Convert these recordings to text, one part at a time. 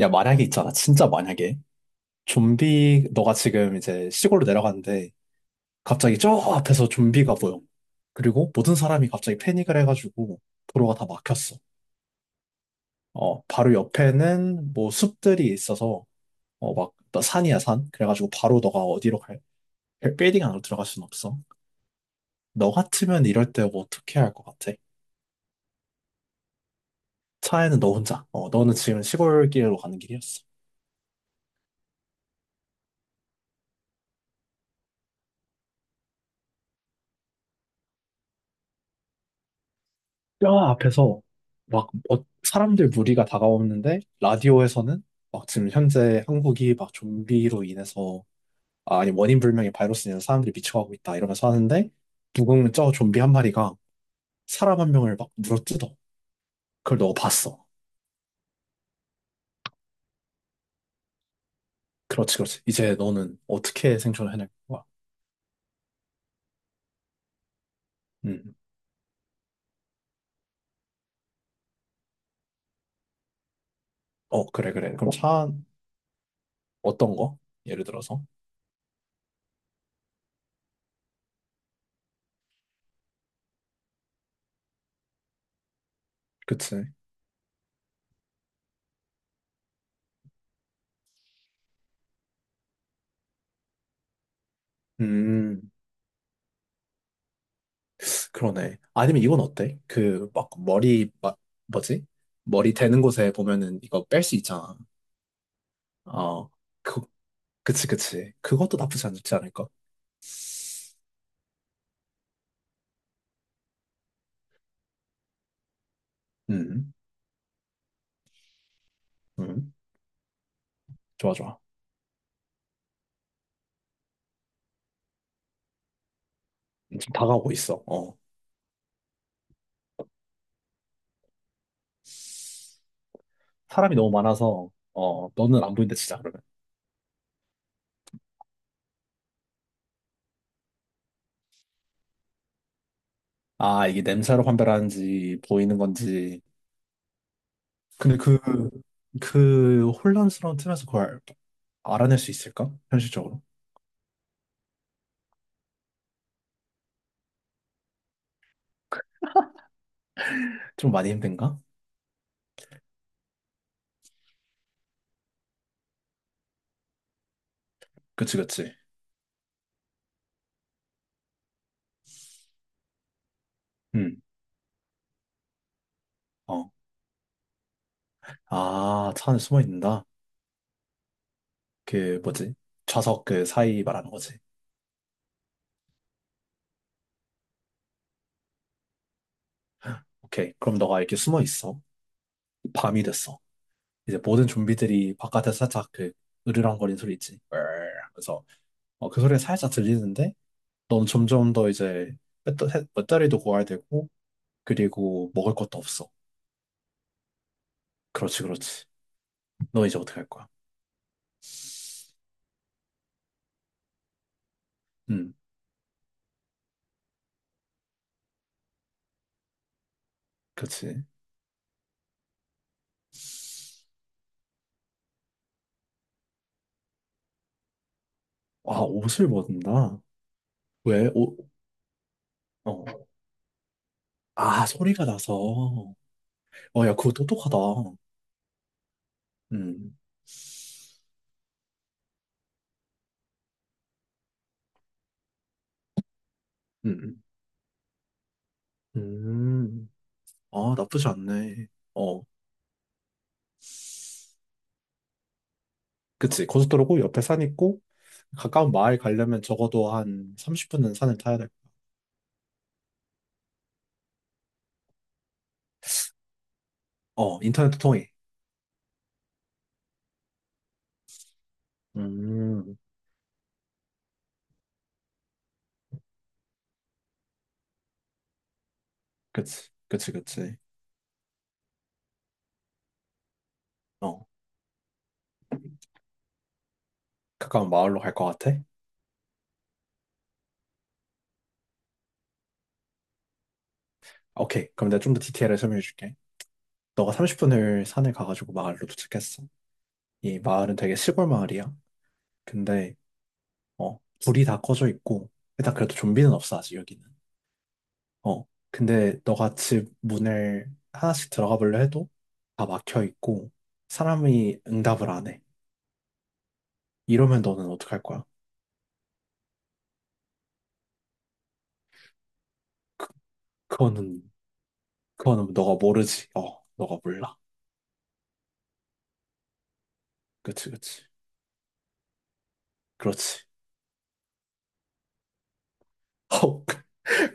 야, 만약에 있잖아. 진짜 만약에. 좀비, 너가 지금 이제 시골로 내려갔는데, 갑자기 저 앞에서 좀비가 보여. 그리고 모든 사람이 갑자기 패닉을 해가지고, 도로가 다 막혔어. 바로 옆에는 뭐 숲들이 있어서, 막, 나 산이야, 산. 그래가지고 바로 빌딩 안으로 들어갈 순 없어. 너 같으면 이럴 때 뭐 어떻게 할 것 같아? 차에는 너 혼자. 너는 지금 시골길로 가는 길이었어. 뼈 앞에서 막 사람들 무리가 다가오는데 라디오에서는 막 지금 현재 한국이 막 좀비로 인해서 아니 원인 불명의 바이러스로 인해서 사람들이 미쳐가고 있다 이러면서 하는데 누군가 저 좀비 한 마리가 사람 한 명을 막 물어뜯어. 그걸 너가 봤어. 그렇지, 그렇지. 이제 너는 어떻게 생존을 해낼 거야? 음. 어, 그래, 그래. 그럼 차 어떤 거? 예를 들어서. 그치. 음. 그러네. 아니면 이건 어때? 그, 막, 머리, 막, 뭐지? 머리 되는 곳에 보면은 이거 뺄 수 있잖아. 어, 그, 그치, 그치. 그것도 나쁘지 않지 않을까? 음, 음. 좋아, 좋아. 지금 다가오고 있어. 어. 사람이 너무 많아서, 너는 안 보인다, 진짜, 그러면. 아, 이게 냄새로 판별하는지, 보이는 건지. 근데 그 혼란스러운 틈에서 그걸 알아낼 수 있을까? 현실적으로? 좀 많이 힘든가? 그치, 그치. 음. 어. 아, 차 안에 숨어 있는다? 그, 뭐지? 좌석 그 사이 말하는 거지. 오케이. 그럼 너가 이렇게 숨어 있어. 밤이 됐어. 이제 모든 좀비들이 바깥에서 살짝 그, 으르렁거리는 소리 있지. 그래서, 그 소리가 살짝 들리는데, 넌 점점 더 이제, 배터리도 구해야 되고, 그리고 먹을 것도 없어. 그렇지, 그렇지. 너 이제 어떻게 할 거야? 음, 그렇지. 아, 옷을 벗는다? 왜? 옷, 어. 아, 소리가 나서. 어, 야, 그거 똑똑하다. 음. 음. 음. 음, 아, 나쁘지 않네. 어, 그치. 고속도로고 옆에 산 있고, 가까운 마을 가려면 적어도 한 30분은 산을 타야 될 거야. 어, 인터넷도 통해. 음, 그치. 그치, 그치. 어, 가까운 마을로 갈 것 같아? 오케이. 그럼 내가 좀 더 디테일을 설명해 줄게. 너가 30분을 산에 가가지고 마을로 도착했어. 이 마을은 되게 시골 마을이야. 근데, 어, 불이 다 꺼져 있고, 일단 그래도 좀비는 없어, 아직 여기는. 어, 근데 너가 집 문을 하나씩 들어가 보려 해도 다 막혀 있고 사람이 응답을 안 해. 이러면 너는 어떡할 거야? 그거는 그거는 너가 모르지. 어, 너가 몰라. 그치, 그치. 그렇지. 어,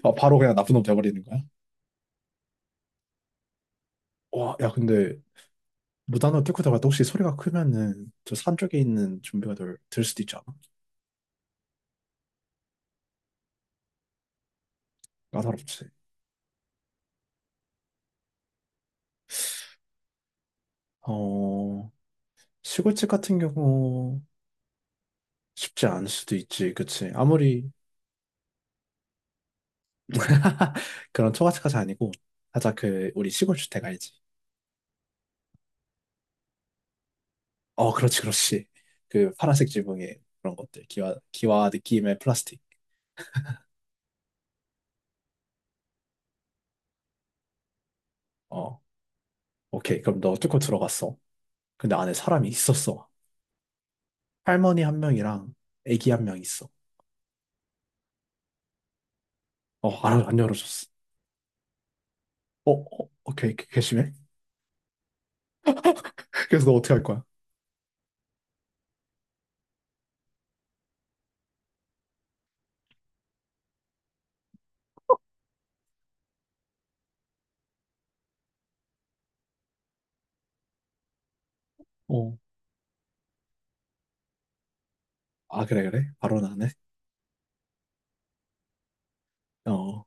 어, 바로 그냥 나쁜 놈 돼버리는 거야? 와, 야, 근데 무단으로 뚫고 들어갈 때 혹시 소리가 크면은 저 산 쪽에 있는 좀비가 들 수도 있지 않아? 까다롭지. 어, 시골집 같은 경우 쉽지 않을 수도 있지, 그치? 아무리 그런 초가집까지 아니고 살짝 그 우리 시골 주택 알지? 어, 그렇지, 그렇지. 그 파란색 지붕에 그런 것들 기와 기와 느낌의 플라스틱. 어, 오케이. 그럼 너 뚫고 들어갔어. 근데 안에 사람이 있었어. 할머니 한 명이랑 애기 한 명 있어. 어, 안 열어줬어. 어, 어, 오케이. 게해. 그래서 너 어떻게 할 거야? 어, 아, 그래, 그래. 바로는 안 해? 어,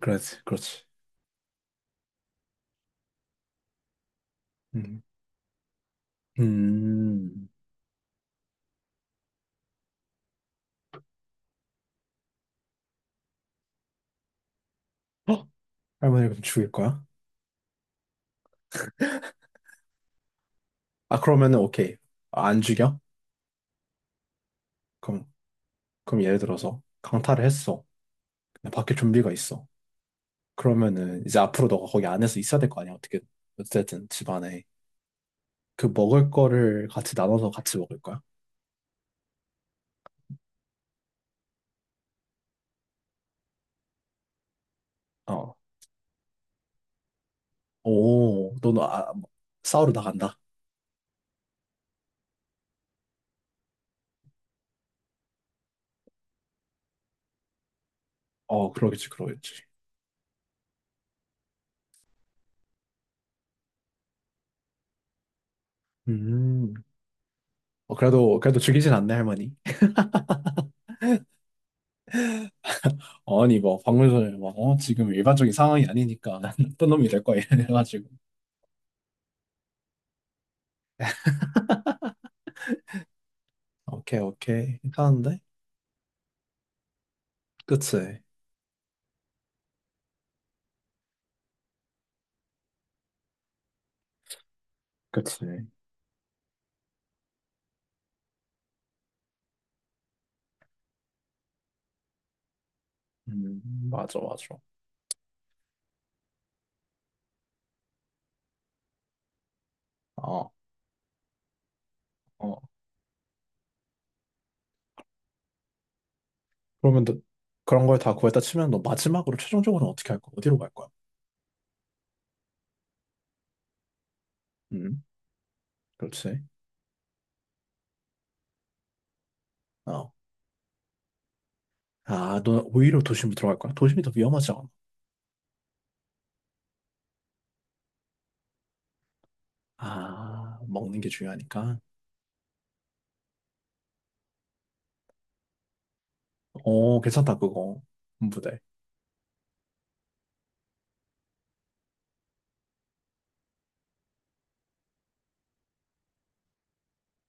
그렇지, 그렇지. 음. 음. 어? 할머니 그럼 죽일 거야? 아, 그러면은 오케이. 아, 안 죽여? 그럼 그럼 예를 들어서 강타를 했어. 근데 밖에 좀비가 있어. 그러면은 이제 앞으로 너가 거기 안에서 있어야 될 거 아니야, 어떻게. 어쨌든 집 안에. 그 먹을 거를 같이 나눠서 같이 먹을 거야? 어. 오, 너는 아, 싸우러 나간다. 어, 그러겠지, 그러겠지. 음. 어, 그래도, 그래도 죽이진 않네, 할머니. 아니, 뭐, 방금 전에 막, 지금 일반적인 상황이 아니니까, 나쁜 놈이 될 거야, 이래가지고. 오케이, 오케이. 괜찮은데? 그치. 그치. 음, 맞아, 맞아. 어, 어. 그러면 너 그런 걸 다 구했다 치면 너 마지막으로 최종적으로 어떻게 할 거야? 어디로 갈 거야? 음. 그렇지. 어. 아, 너 오히려 도심으로 들어갈 거야? 도심이 더 위험하지 않아? 아, 먹는 게 중요하니까. 어, 괜찮다, 그거. 군부대.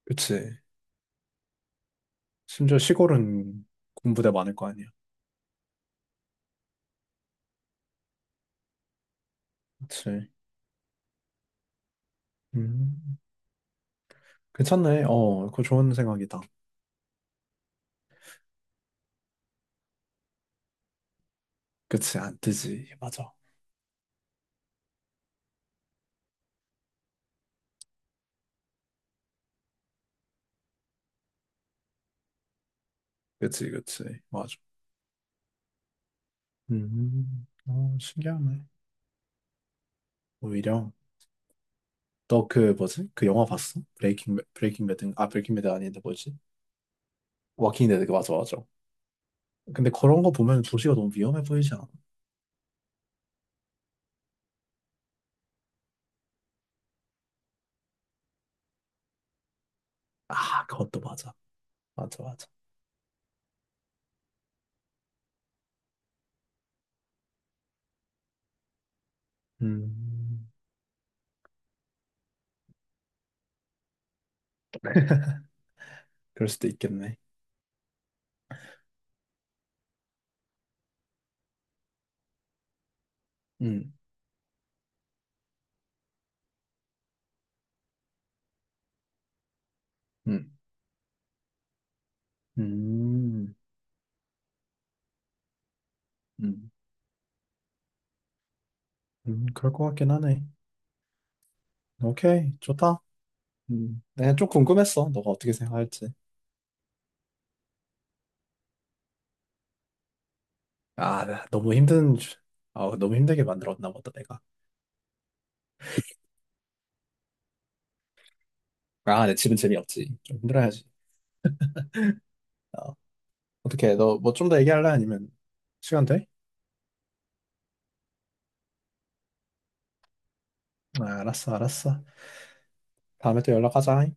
그치. 심지어 시골은 군부대 많을 거 아니야. 그치. 음, 괜찮네. 어, 그거 좋은 생각이다. 그치, 안 뜨지. 맞아. 그치, 그치. 맞아. 신기하네. 오히려. 너 그 뭐지? 그 영화 봤어? 브레이킹 배드, 아, 브레이킹 배드 아닌데, 뭐지? 워킹 데드, 그, 맞아, 맞아. 근데 그런 거 보면 도시가 너무 위험해 보이지 않아? 아, 그것도 맞아, 맞아, 맞아. 음. 그럴 수도 있겠네. 음. 음. 음. 음. 음. 그럴 것 같긴 하네. 오케이, 좋다. 내가 좀 궁금했어. 너가 어떻게 생각할지. 아, 나 너무 힘든 아, 너무 힘들게 만들었나 보다, 내가. 아, 내 집은 재미없지. 좀 힘들어야지. 어. 어떻게, 너 뭐 좀 더 얘기할래, 아니면 시간 돼? 아, 알았어, 알았어. 다음에 또 연락하자.